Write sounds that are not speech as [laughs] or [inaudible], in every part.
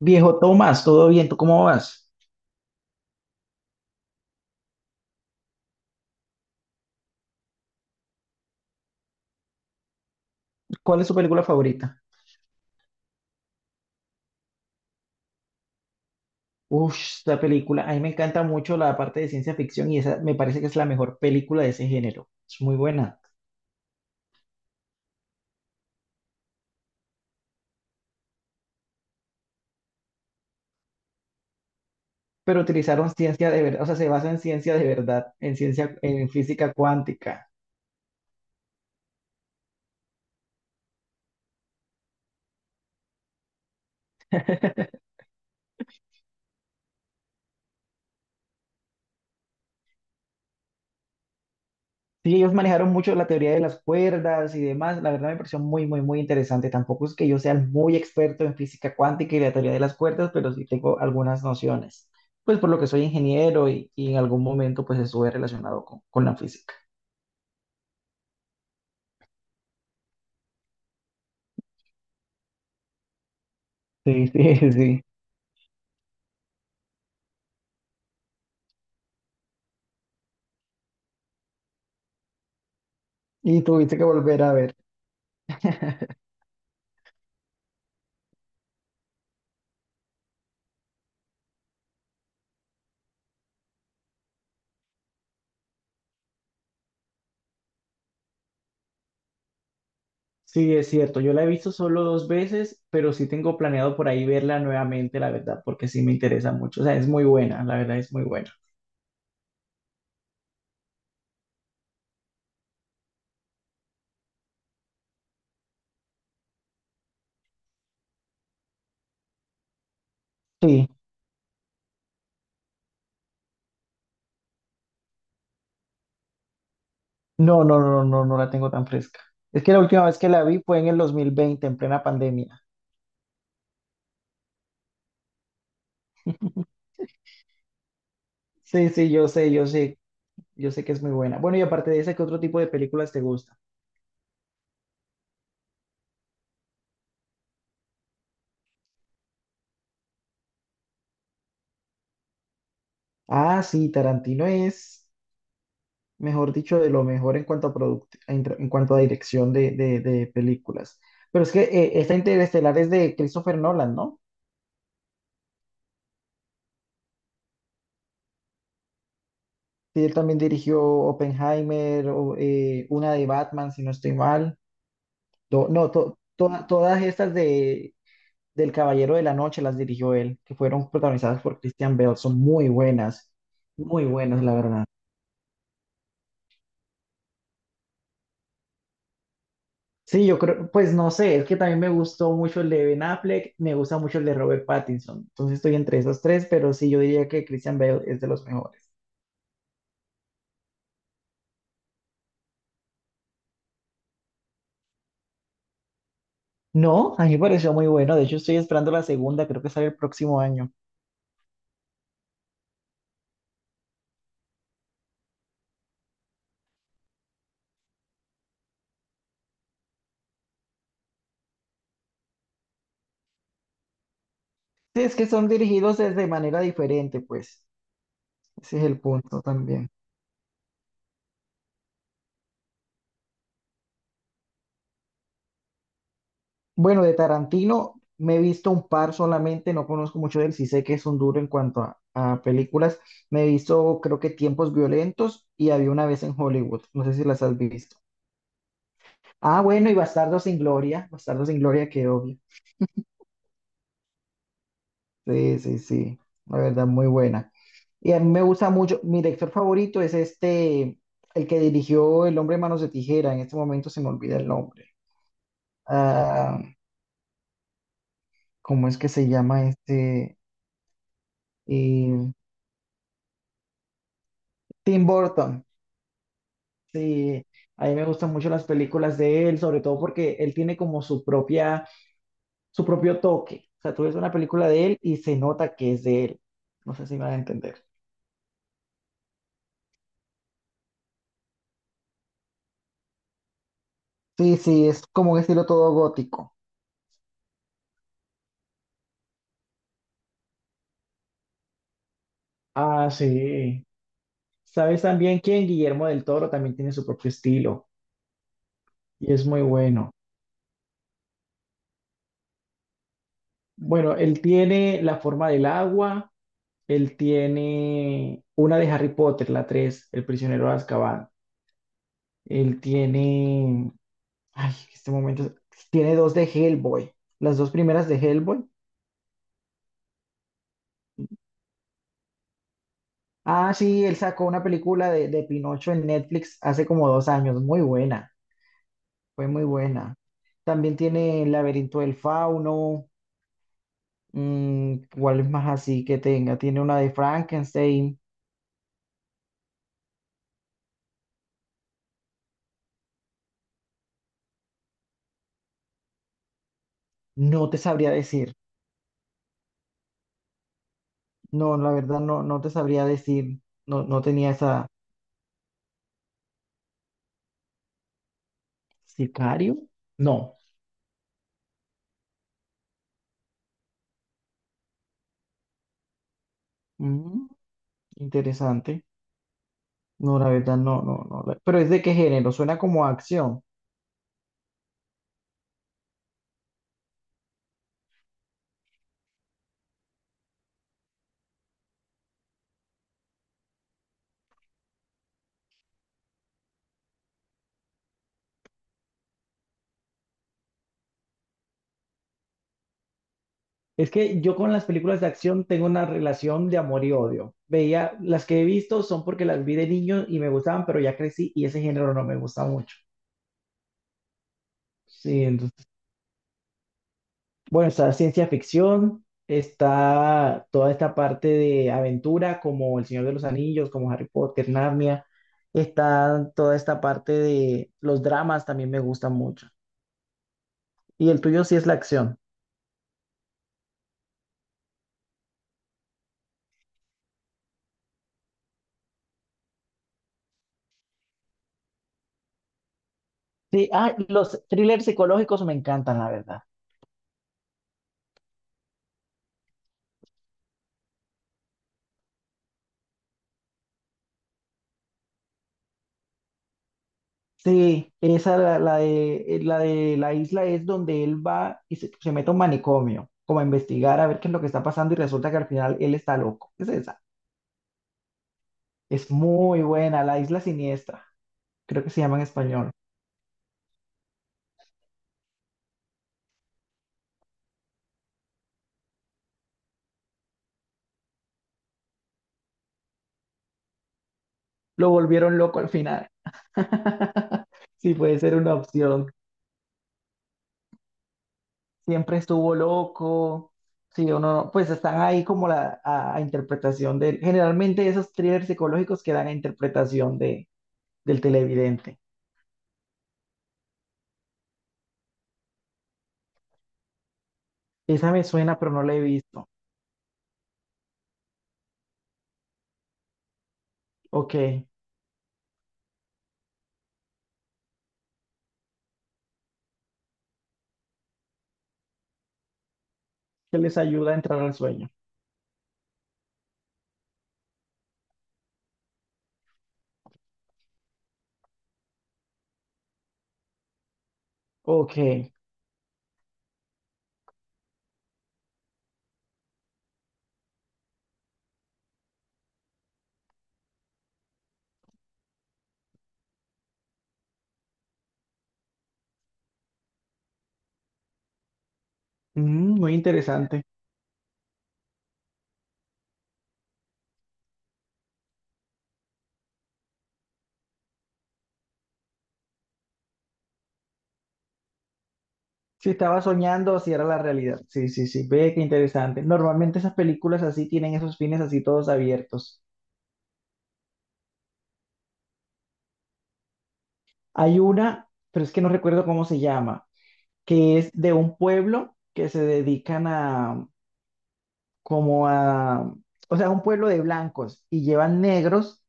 Viejo Tomás, ¿todo bien? ¿Tú cómo vas? ¿Cuál es tu película favorita? Uf, esta película, a mí me encanta mucho la parte de ciencia ficción y esa me parece que es la mejor película de ese género. Es muy buena. Pero utilizaron ciencia de verdad, o sea, se basa en ciencia de verdad, en ciencia, en física cuántica. [laughs] Sí, ellos manejaron mucho la teoría de las cuerdas y demás. La verdad me pareció muy, muy, muy interesante. Tampoco es que yo sea muy experto en física cuántica y la teoría de las cuerdas, pero sí tengo algunas nociones. Pues por lo que soy ingeniero y en algún momento pues estuve relacionado con la física. Sí, sí, [laughs] sí. Y tuviste que volver a ver. [laughs] Sí, es cierto. Yo la he visto solo dos veces, pero sí tengo planeado por ahí verla nuevamente, la verdad, porque sí me interesa mucho. O sea, es muy buena, la verdad es muy buena. Sí. No, no, no, no, no la tengo tan fresca. Es que la última vez que la vi fue en el 2020, en plena pandemia. [laughs] Sí, sí, yo sé, yo sé, yo sé que es muy buena. Bueno, y aparte de esa, ¿qué otro tipo de películas te gusta? Ah, sí, Tarantino es, mejor dicho, de lo mejor en cuanto a product- en, tra- en cuanto a dirección de películas. Pero es que esta Interestelar es de Christopher Nolan, ¿no? Sí, él también dirigió Oppenheimer, o, una de Batman, si no estoy mal. To- no, to- to- todas estas de del Caballero de la Noche las dirigió él, que fueron protagonizadas por Christian Bale. Son muy buenas, la verdad. Sí, yo creo, pues no sé, es que también me gustó mucho el de Ben Affleck, me gusta mucho el de Robert Pattinson. Entonces estoy entre esos tres, pero sí, yo diría que Christian Bale es de los mejores. No, a mí me pareció muy bueno. De hecho, estoy esperando la segunda, creo que sale el próximo año. Sí, es que son dirigidos de manera diferente, pues. Ese es el punto también. Bueno, de Tarantino me he visto un par solamente, no conozco mucho de él, sí sé que es un duro en cuanto a películas. Me he visto, creo que Tiempos Violentos y había una vez en Hollywood, no sé si las has visto. Ah, bueno, y Bastardo sin Gloria, que obvio. Sí, sí, sí, la verdad, muy buena. Y a mí me gusta mucho, mi director favorito es este, el que dirigió El hombre de manos de tijera, en este momento se me olvida el nombre. Ah, ¿cómo es que se llama este? Eh, Tim Burton. Sí, a mí me gustan mucho las películas de él, sobre todo porque él tiene como su propia, su propio toque. O sea, tú ves una película de él y se nota que es de él. No sé si me van a entender. Sí, sí, es como un estilo todo gótico. Ah, sí. ¿Sabes también quién? Guillermo del Toro también tiene su propio estilo y es muy bueno. Bueno, él tiene La forma del agua, él tiene una de Harry Potter, la 3, El prisionero de Azkaban. Él tiene Ay, este momento es- tiene dos de Hellboy. Las dos primeras de Hellboy. Ah, sí, él sacó una película de Pinocho en Netflix hace como dos años. Muy buena. Fue muy buena. También tiene El laberinto del fauno. ¿Cuál es más así que tenga? Tiene una de Frankenstein. No te sabría decir. No, la verdad no, no te sabría decir. No, no tenía esa. ¿Sicario? No. Mm, interesante. No, la verdad no, no, no. la- Pero ¿es de qué género? Suena como a acción. Es que yo con las películas de acción tengo una relación de amor y odio. Veía, las que he visto son porque las vi de niño y me gustaban, pero ya crecí y ese género no me gusta mucho. Sí, entonces, bueno, está ciencia ficción, está toda esta parte de aventura como El Señor de los Anillos, como Harry Potter, Narnia, está toda esta parte de los dramas también me gustan mucho. Y el tuyo sí es la acción. Sí, ah, los thrillers psicológicos me encantan, la verdad. Sí, esa la, la de, la de la isla es donde él va y se mete a un manicomio, como a investigar a ver qué es lo que está pasando y resulta que al final él está loco. Es esa. Es muy buena, la isla siniestra, creo que se llama en español. Lo volvieron loco al final. [laughs] Sí, puede ser una opción. Siempre estuvo loco. Sí, o no, pues están ahí como la a interpretación del. Generalmente esos thrillers psicológicos quedan a interpretación de, del televidente. Esa me suena, pero no la he visto. Ok, que les ayuda a entrar al sueño. Ok. Mm, muy interesante. Si estaba soñando, si era la realidad. Sí, sí, sí, ve qué interesante. Normalmente esas películas así tienen esos fines así todos abiertos. Hay una, pero es que no recuerdo cómo se llama, que es de un pueblo que se dedican a, como a, o sea, un pueblo de blancos y llevan negros,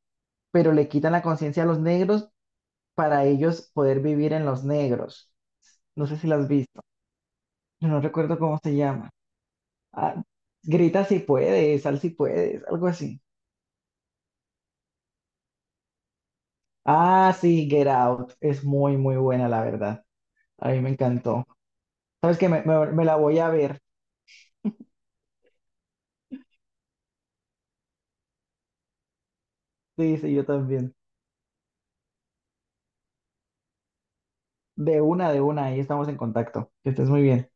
pero le quitan la conciencia a los negros para ellos poder vivir en los negros. No sé si las has visto. No recuerdo cómo se llama. Ah, grita si puedes, sal si puedes, algo así. Ah, sí, Get Out. Es muy, muy buena, la verdad. A mí me encantó. ¿Sabes qué? Me- me la voy a ver. Sí, sí, yo también. De una, ahí estamos en contacto. Que estés muy bien.